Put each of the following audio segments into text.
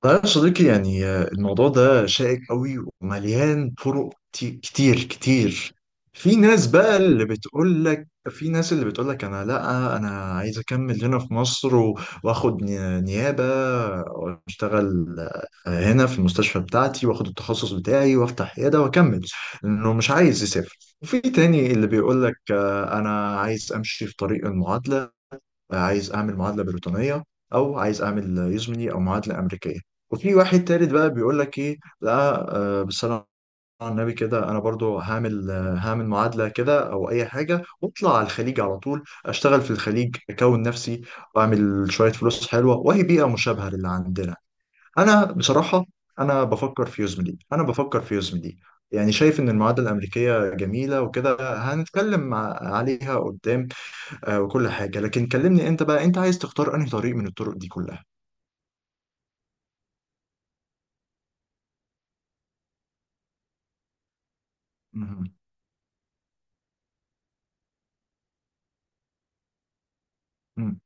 طيب يا صديقي يعني الموضوع ده شائك قوي ومليان طرق كتير كتير. في ناس اللي بتقول لك انا لا انا عايز اكمل هنا في مصر واخد نيابة واشتغل هنا في المستشفى بتاعتي واخد التخصص بتاعي وافتح عيادة واكمل انه مش عايز يسافر. وفي تاني اللي بيقول لك انا عايز امشي في طريق المعادلة، عايز اعمل معادله بريطانيه او عايز اعمل يزمني او معادله امريكيه. وفي واحد تالت بقى بيقول لك ايه لا بالصلاه على النبي كده انا برضو هعمل هعمل معادله كده او اي حاجه واطلع على الخليج على طول، اشتغل في الخليج اكون نفسي واعمل شويه فلوس حلوه وهي بيئه مشابهه للي عندنا. انا بصراحه انا بفكر في يزمني، انا بفكر في يزمني. يعني شايف ان المعادله الامريكيه جميله وكده، هنتكلم عليها قدام وكل حاجة. لكن كلمني انت بقى، انت عايز تختار انهي طريق من الطرق دي كلها؟ مهم. مم.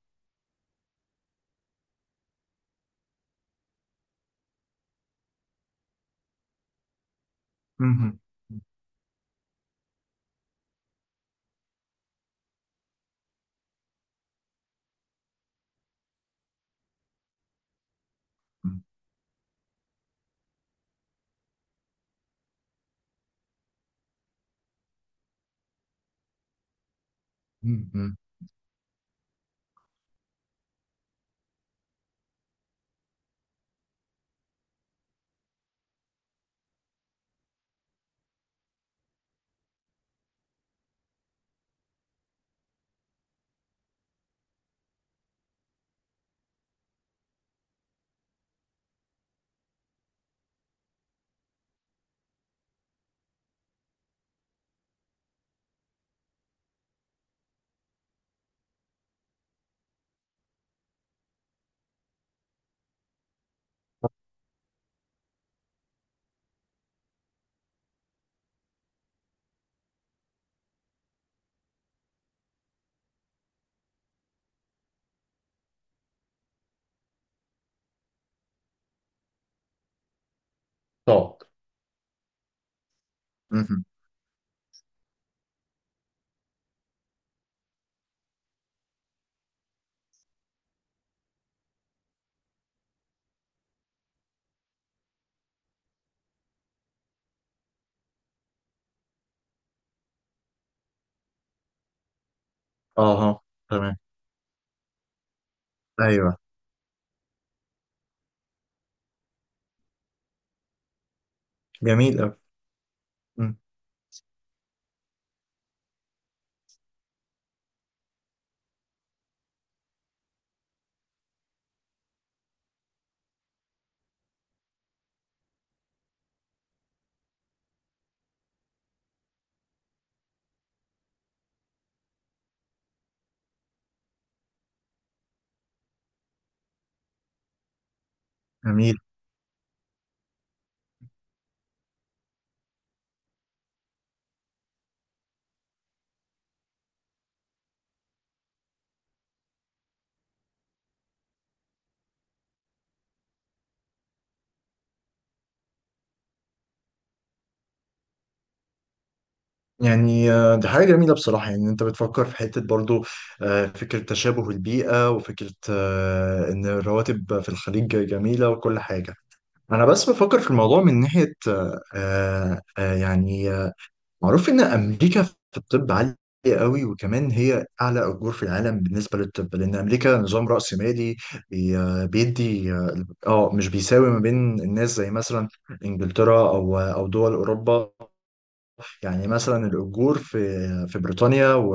مهم. مم. مهم. طب مهم. اها، تمام، ايوه، جميل أوي. مم. جميل. يعني دي حاجة جميلة بصراحة، يعني انت بتفكر في حتة برضو فكرة تشابه البيئة وفكرة ان الرواتب في الخليج جميلة وكل حاجة. انا بس بفكر في الموضوع من ناحية يعني معروف إن أمريكا في الطب عالية قوي، وكمان هي أعلى أجور في العالم بالنسبة للطب لأن أمريكا نظام رأسمالي. بيدي مش بيساوي ما بين الناس زي مثلا إنجلترا أو دول أوروبا. يعني مثلا الأجور في بريطانيا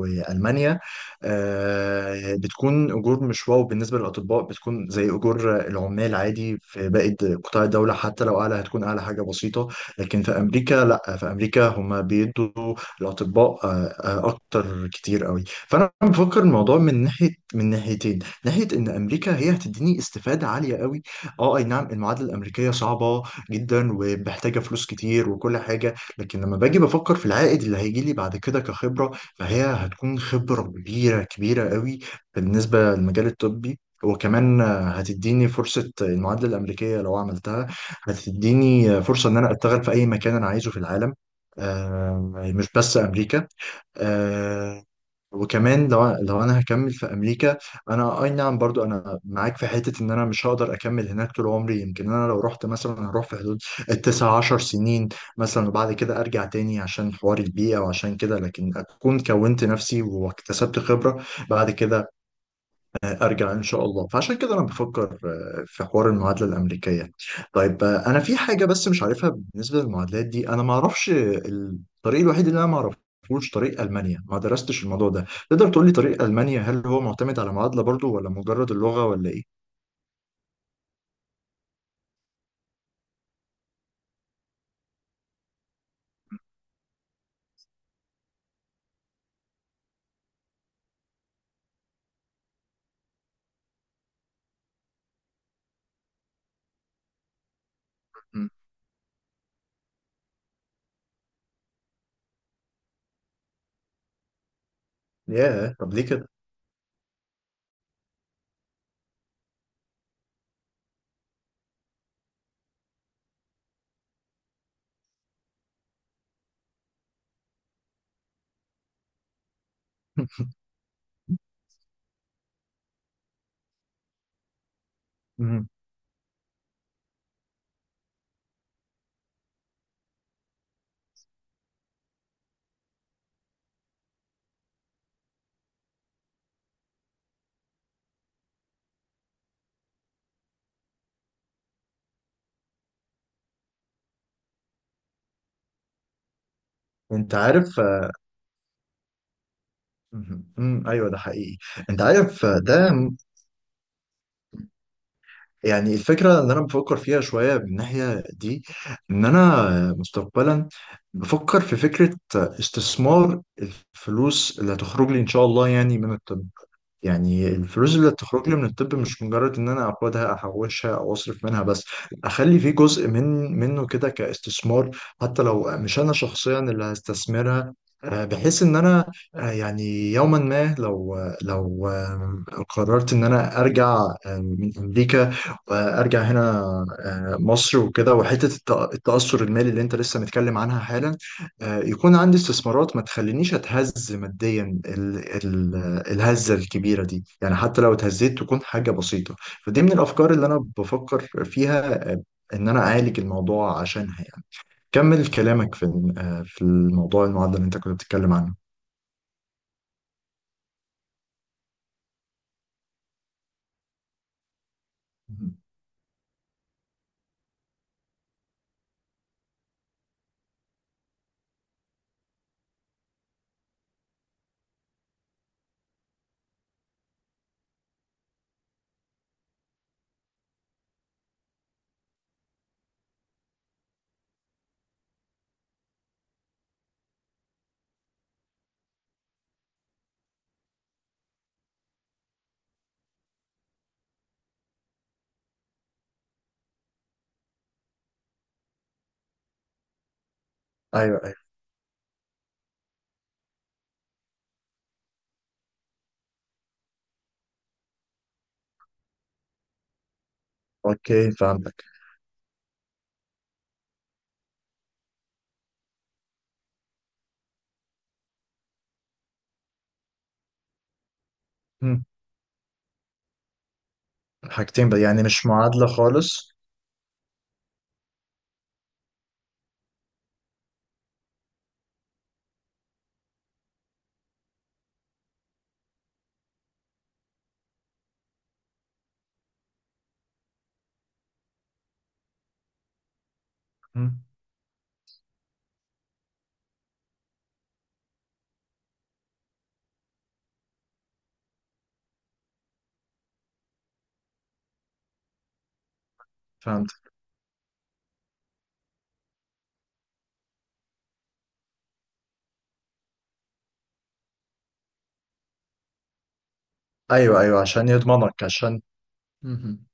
وألمانيا بتكون أجور مش واو بالنسبة للأطباء، بتكون زي أجور العمال عادي في باقي قطاع الدولة، حتى لو أعلى هتكون أعلى حاجة بسيطة. لكن في أمريكا لا، في أمريكا هم بيدوا الأطباء أكتر كتير قوي. فأنا بفكر الموضوع من ناحية، من ناحيتين: ناحية إن أمريكا هي هتديني استفادة عالية قوي. اه اي نعم، المعادله الامريكيه صعبه جدا ومحتاجه فلوس كتير وكل حاجه، لكن لما باجي بفكر في العائد اللي هيجي لي بعد كده كخبرة، فهي هتكون خبرة كبيرة كبيرة قوي بالنسبة للمجال الطبي. وكمان هتديني فرصة المعادلة الأمريكية لو عملتها، هتديني فرصة إن أنا أشتغل في أي مكان أنا عايزه في العالم مش بس أمريكا. آه، وكمان لو انا هكمل في امريكا، انا اي نعم برضو انا معاك في حته ان انا مش هقدر اكمل هناك طول عمري. يمكن انا لو رحت مثلا هروح في حدود 19 سنين مثلا، وبعد كده ارجع تاني عشان حوار البيئه وعشان كده، لكن اكون كونت نفسي واكتسبت خبره بعد كده، ارجع ان شاء الله. فعشان كده انا بفكر في حوار المعادله الامريكيه. طيب انا في حاجه بس مش عارفها بالنسبه للمعادلات دي، انا ما اعرفش الطريق الوحيد اللي انا ما اعرفوش طريق المانيا، ما درستش الموضوع ده. تقدر تقول لي طريق المانيا هل هو معتمد على معادله برضو ولا مجرد اللغه ولا ايه؟ مم. ياه، طب ليه كده؟ مم. انت عارف. مم. مم. ايوه، ده حقيقي. انت عارف ده يعني الفكرة اللي أنا بفكر فيها شوية من الناحية دي، إن أنا مستقبلا بفكر في فكرة استثمار الفلوس اللي هتخرج لي إن شاء الله يعني من الطب. يعني الفلوس اللي تخرج لي من الطب مش مجرد ان انا اخدها احوشها او اصرف منها بس، اخلي فيه جزء منه كده كاستثمار، حتى لو مش انا شخصيا اللي هستثمرها بحيث ان انا يعني يوما ما لو قررت ان انا ارجع من امريكا وارجع هنا مصر وكده، وحته التاثر المالي اللي انت لسه متكلم عنها حالا يكون عندي استثمارات ما تخلينيش اتهز ماديا الهزة الكبيرة دي. يعني حتى لو اتهزيت تكون حاجة بسيطة. فدي من الأفكار اللي أنا بفكر فيها إن أنا أعالج الموضوع عشانها يعني. كمل كلامك في الموضوع المعدل اللي أنت كنت بتتكلم عنه. مم. أيوه أيوه. أوكي فهمتك. مم. حاجتين بقى، يعني مش معادلة خالص؟ مم. فهمت. أيوه أيوه، عشان يضمنك عشان. مم.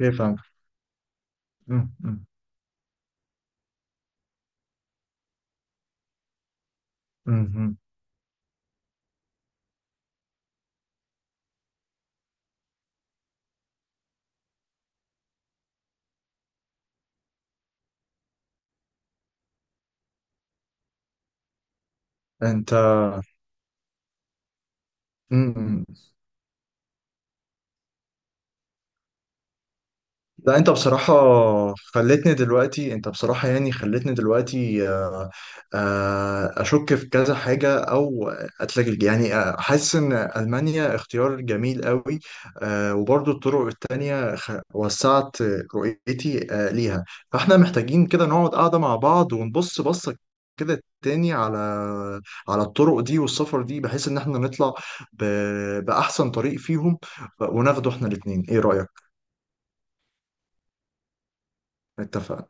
أوكي فهمت. مم. مم. مم. أنت. مم. لا انت بصراحة خلتني دلوقتي، انت بصراحة يعني خلتني دلوقتي اشك في كذا حاجة او اتلجلج يعني. حاسس ان المانيا اختيار جميل قوي وبرضو الطرق التانية وسعت رؤيتي ليها. فاحنا محتاجين كده نقعد قاعدة مع بعض ونبص بصة كده تاني على على الطرق دي والسفر دي، بحيث ان احنا نطلع بأحسن طريق فيهم وناخده احنا الاتنين. ايه رأيك؟ اتفقنا.